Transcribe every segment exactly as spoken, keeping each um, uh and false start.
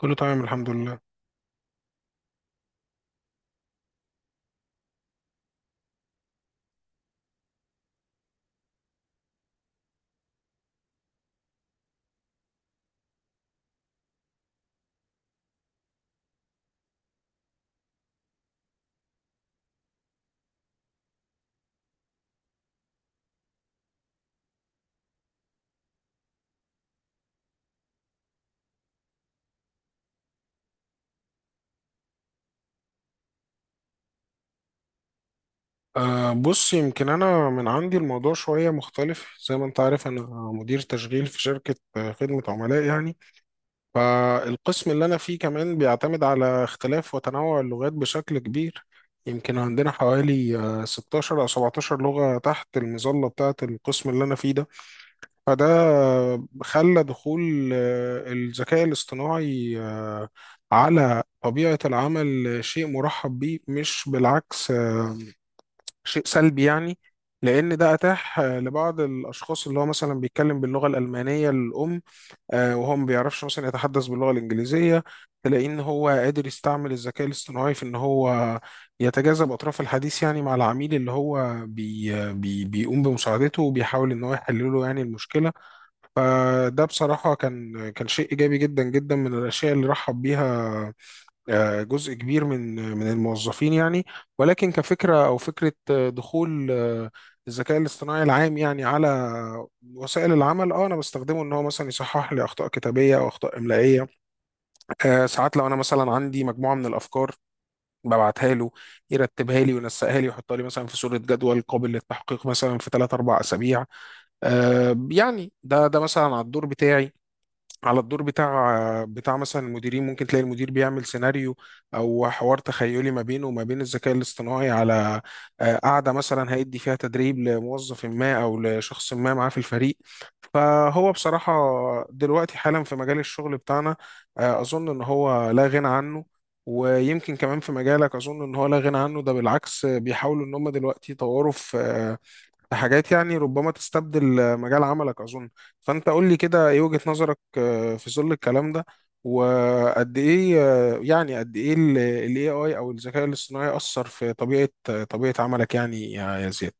كله تمام الحمد لله. أه بص، يمكن أنا من عندي الموضوع شوية مختلف زي ما أنت عارف. أنا مدير تشغيل في شركة، آه، خدمة عملاء يعني. فالقسم اللي أنا فيه كمان بيعتمد على اختلاف وتنوع اللغات بشكل كبير. يمكن عندنا حوالي آه، ستاشر أو سبعتاشر لغة تحت المظلة بتاعة القسم اللي أنا فيه ده. فده آه، خلى دخول آه، الذكاء الاصطناعي آه، على طبيعة العمل شيء مرحب بيه، مش بالعكس آه، شيء سلبي يعني. لأن ده أتاح آه، لبعض الأشخاص اللي هو مثلا بيتكلم باللغة الألمانية الأم، آه، وهو ما بيعرفش مثلا يتحدث باللغة الإنجليزية. تلاقيه إن هو قادر يستعمل الذكاء الاصطناعي في إن هو يتجاذب أطراف الحديث يعني مع العميل، اللي هو بي بي بيقوم بمساعدته، وبيحاول إن هو يحل له يعني المشكلة. فده بصراحة كان كان شيء إيجابي جدا جدا، من الأشياء اللي رحب بيها آه، جزء كبير من من الموظفين يعني. ولكن كفكرة أو فكرة آه، دخول آه، الذكاء الاصطناعي العام يعني على وسائل العمل. اه انا بستخدمه ان هو مثلا يصحح لي اخطاء كتابيه او اخطاء املائيه. آه ساعات لو انا مثلا عندي مجموعه من الافكار ببعتها له، يرتبها لي وينسقها لي ويحطها لي مثلا في صوره جدول قابل للتحقيق مثلا في ثلاث اربعة اسابيع. آه يعني ده ده مثلا على الدور بتاعي، على الدور بتاع بتاع مثلا المديرين. ممكن تلاقي المدير بيعمل سيناريو او حوار تخيلي ما بينه وما بين الذكاء الاصطناعي على آه، قعده مثلا هيدي فيها تدريب لموظف ما او لشخص ما معاه في الفريق. فهو بصراحه دلوقتي حالا في مجال الشغل بتاعنا آه، اظن ان هو لا غنى عنه. ويمكن كمان في مجالك اظن ان هو لا غنى عنه، ده بالعكس آه، بيحاولوا ان هم دلوقتي يطوروا في حاجات يعني ربما تستبدل آه، مجال عملك أظن. فأنت قول لي كده إيه وجهة نظرك آه، في ظل الكلام ده، وقد إيه آه، يعني قد إيه ال ال إيه آي أو الذكاء الاصطناعي أثر في طبيعة آه، طبيعة عملك يعني يا يا زياد؟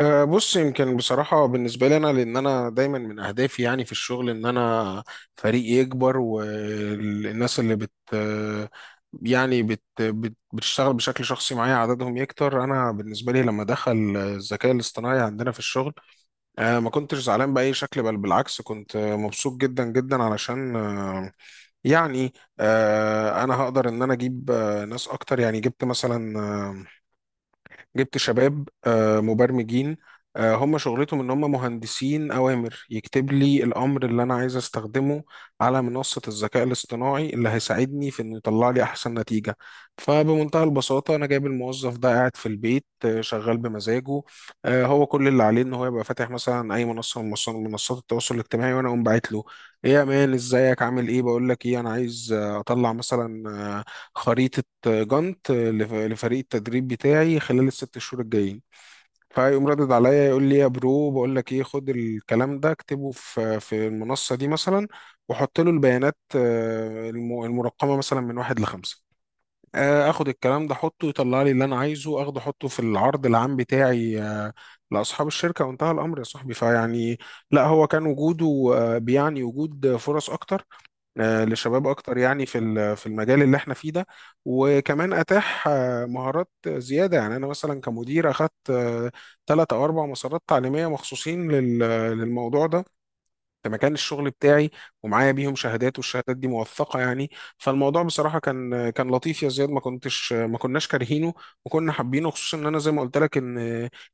أه، بص، يمكن بصراحة بالنسبة لي أنا، لأن أنا دايما من أهدافي يعني في الشغل إن أنا فريقي يكبر، والناس اللي بت يعني بت بت بتشتغل بشكل شخصي معايا عددهم يكتر. أنا بالنسبة لي لما دخل الذكاء الاصطناعي عندنا في الشغل أه، ما كنتش زعلان بأي شكل، بل بالعكس كنت مبسوط جدا جدا، علشان أه، يعني أه، أنا هقدر إن أنا أجيب أه، ناس أكتر. يعني جبت مثلا آه، جبت شباب آه، مبرمجين. آه، هم شغلتهم ان هم مهندسين اوامر، يكتب لي الامر اللي انا عايز استخدمه على منصة الذكاء الاصطناعي اللي هيساعدني في انه يطلع لي احسن نتيجة. فبمنتهى البساطة، انا جايب الموظف ده قاعد في البيت آه، شغال بمزاجه. آه، هو كل اللي عليه ان هو يبقى فاتح مثلا اي منصة من منصات منصات التواصل الاجتماعي، وانا اقوم باعت له ايه يا مان، ازيك عامل ايه؟ بقول لك ايه، انا عايز آه، اطلع مثلا آه، خريطة جانت لف- لفريق التدريب بتاعي خلال الست شهور الجايين. فيقوم ردد عليا يقول لي يا برو، بقول لك ايه، خد الكلام ده اكتبه في في المنصة دي مثلا، وحط له البيانات آه، الم- المرقمة مثلا من واحد لخمسة. آه، اخد الكلام ده احطه يطلع لي اللي انا عايزه، اخده احطه في العرض العام بتاعي آه، لاصحاب الشركة، وانتهى الامر يا صاحبي. فيعني لا، هو كان وجوده آه، بيعني وجود فرص اكتر آه، لشباب اكتر يعني في ال- في المجال اللي احنا فيه ده. وكمان اتاح آه، مهارات زياده، يعني انا مثلا كمدير اخذت ثلاث او اربع مسارات تعليميه مخصوصين لل- للموضوع ده في مكان الشغل بتاعي، ومعايا بيهم شهادات، والشهادات دي موثقه يعني. فالموضوع بصراحه كان كان لطيف يا زياد، ما كنتش ما كناش كارهينه، وكنا حابينه. خصوصا ان انا زي ما قلت لك ان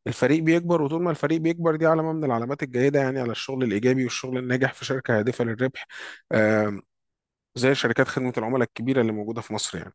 الفريق بيكبر، وطول ما الفريق بيكبر دي علامه من العلامات الجيده يعني على الشغل الايجابي والشغل الناجح في شركه هادفه للربح، زي شركات خدمة العملاء الكبيرة اللي موجودة في مصر يعني.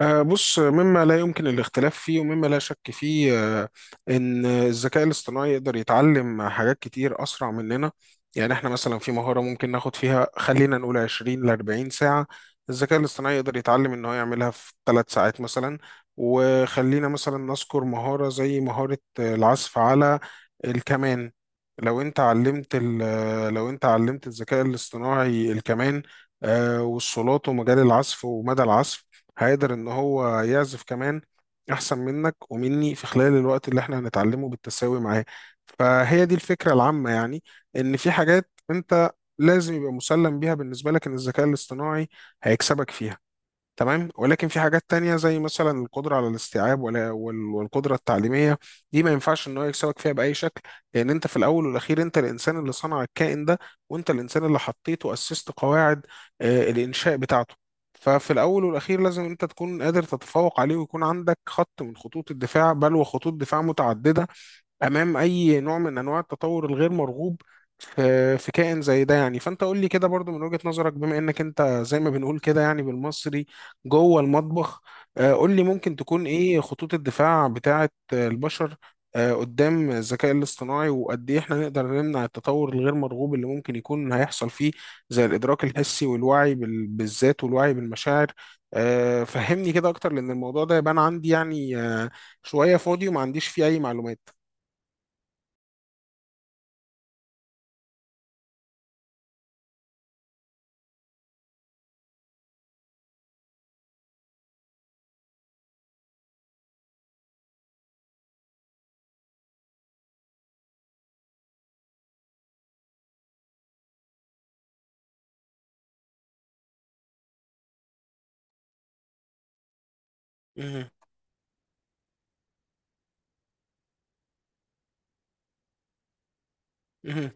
آه، بص، مما لا يمكن الاختلاف فيه ومما لا شك فيه آه، ان الذكاء الاصطناعي يقدر يتعلم حاجات كتير اسرع مننا. يعني احنا مثلا في مهارة ممكن ناخد فيها خلينا نقول عشرين ل اربعين ساعة، الذكاء الاصطناعي يقدر يتعلم ان هو يعملها في 3 ساعات مثلا. وخلينا مثلا نذكر مهارة زي مهارة آه، العزف على الكمان. لو انت علمت ال- آه، لو انت علمت الذكاء الاصطناعي الكمان آه، والصولات ومجال العزف ومدى العزف، هيقدر ان هو يعزف كمان احسن منك ومني في خلال الوقت اللي احنا هنتعلمه بالتساوي معاه. فهي دي الفكرة العامة يعني، ان في حاجات انت لازم يبقى مسلم بيها بالنسبة لك، ان الذكاء الاصطناعي هيكسبك فيها تمام. ولكن في حاجات تانية زي مثلا القدرة على الاستيعاب ولا- وال- والقدرة التعليمية، دي ما ينفعش ان هو يكسبك فيها بأي شكل. لأن انت في الأول والأخير انت الإنسان اللي صنع الكائن ده، وانت الإنسان اللي حطيته وأسست قواعد آه، الإنشاء بتاعته. ففي الأول والأخير لازم انت تكون قادر تتفوق عليه، ويكون عندك خط من خطوط الدفاع، بل وخطوط دفاع متعددة امام اي نوع من انواع التطور الغير مرغوب في في كائن زي ده يعني. فانت قول لي كده برضو من وجهة نظرك، بما انك انت زي ما بنقول كده يعني بالمصري جوه المطبخ، آه، قول لي ممكن تكون ايه خطوط الدفاع بتاعه آه، البشر آه، قدام الذكاء الاصطناعي، وقد ايه احنا نقدر نمنع التطور الغير مرغوب اللي ممكن يكون هيحصل فيه زي الادراك الحسي والوعي بال- بالذات والوعي بالمشاعر. آه، فهمني كده اكتر، لان الموضوع ده يبان عندي يعني آه، شوية فاضي وما عنديش فيه اي معلومات. مهم. مهم.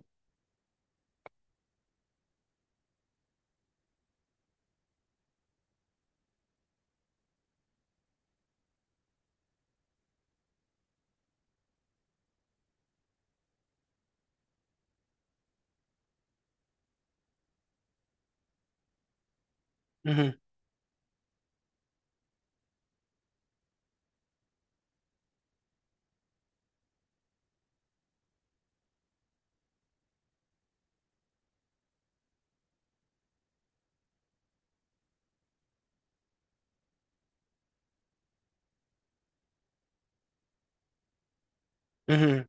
مهم. مهم.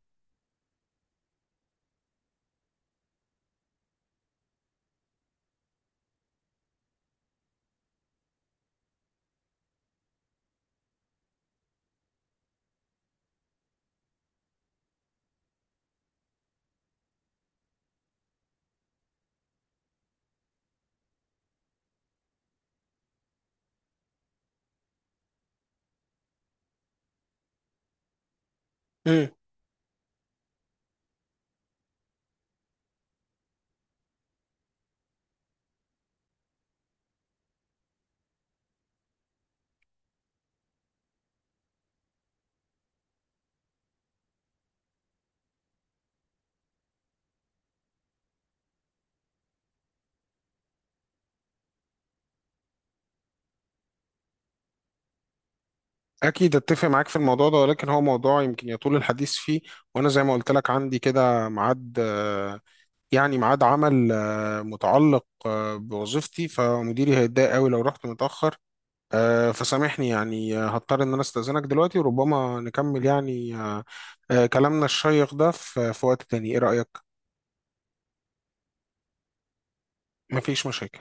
مهم. أكيد أتفق معاك في الموضوع ده، ولكن هو موضوع يمكن يطول الحديث فيه. وأنا زي ما قلت لك عندي كده ميعاد، آه، يعني ميعاد عمل آه، متعلق آه، بوظيفتي، فمديري هيتضايق أوي لو رحت متأخر. آه، فسامحني يعني، آه، هضطر إن أنا أستأذنك دلوقتي، وربما نكمل يعني آه، آه، كلامنا الشيق ده في في وقت تاني. إيه رأيك؟ مفيش مشاكل.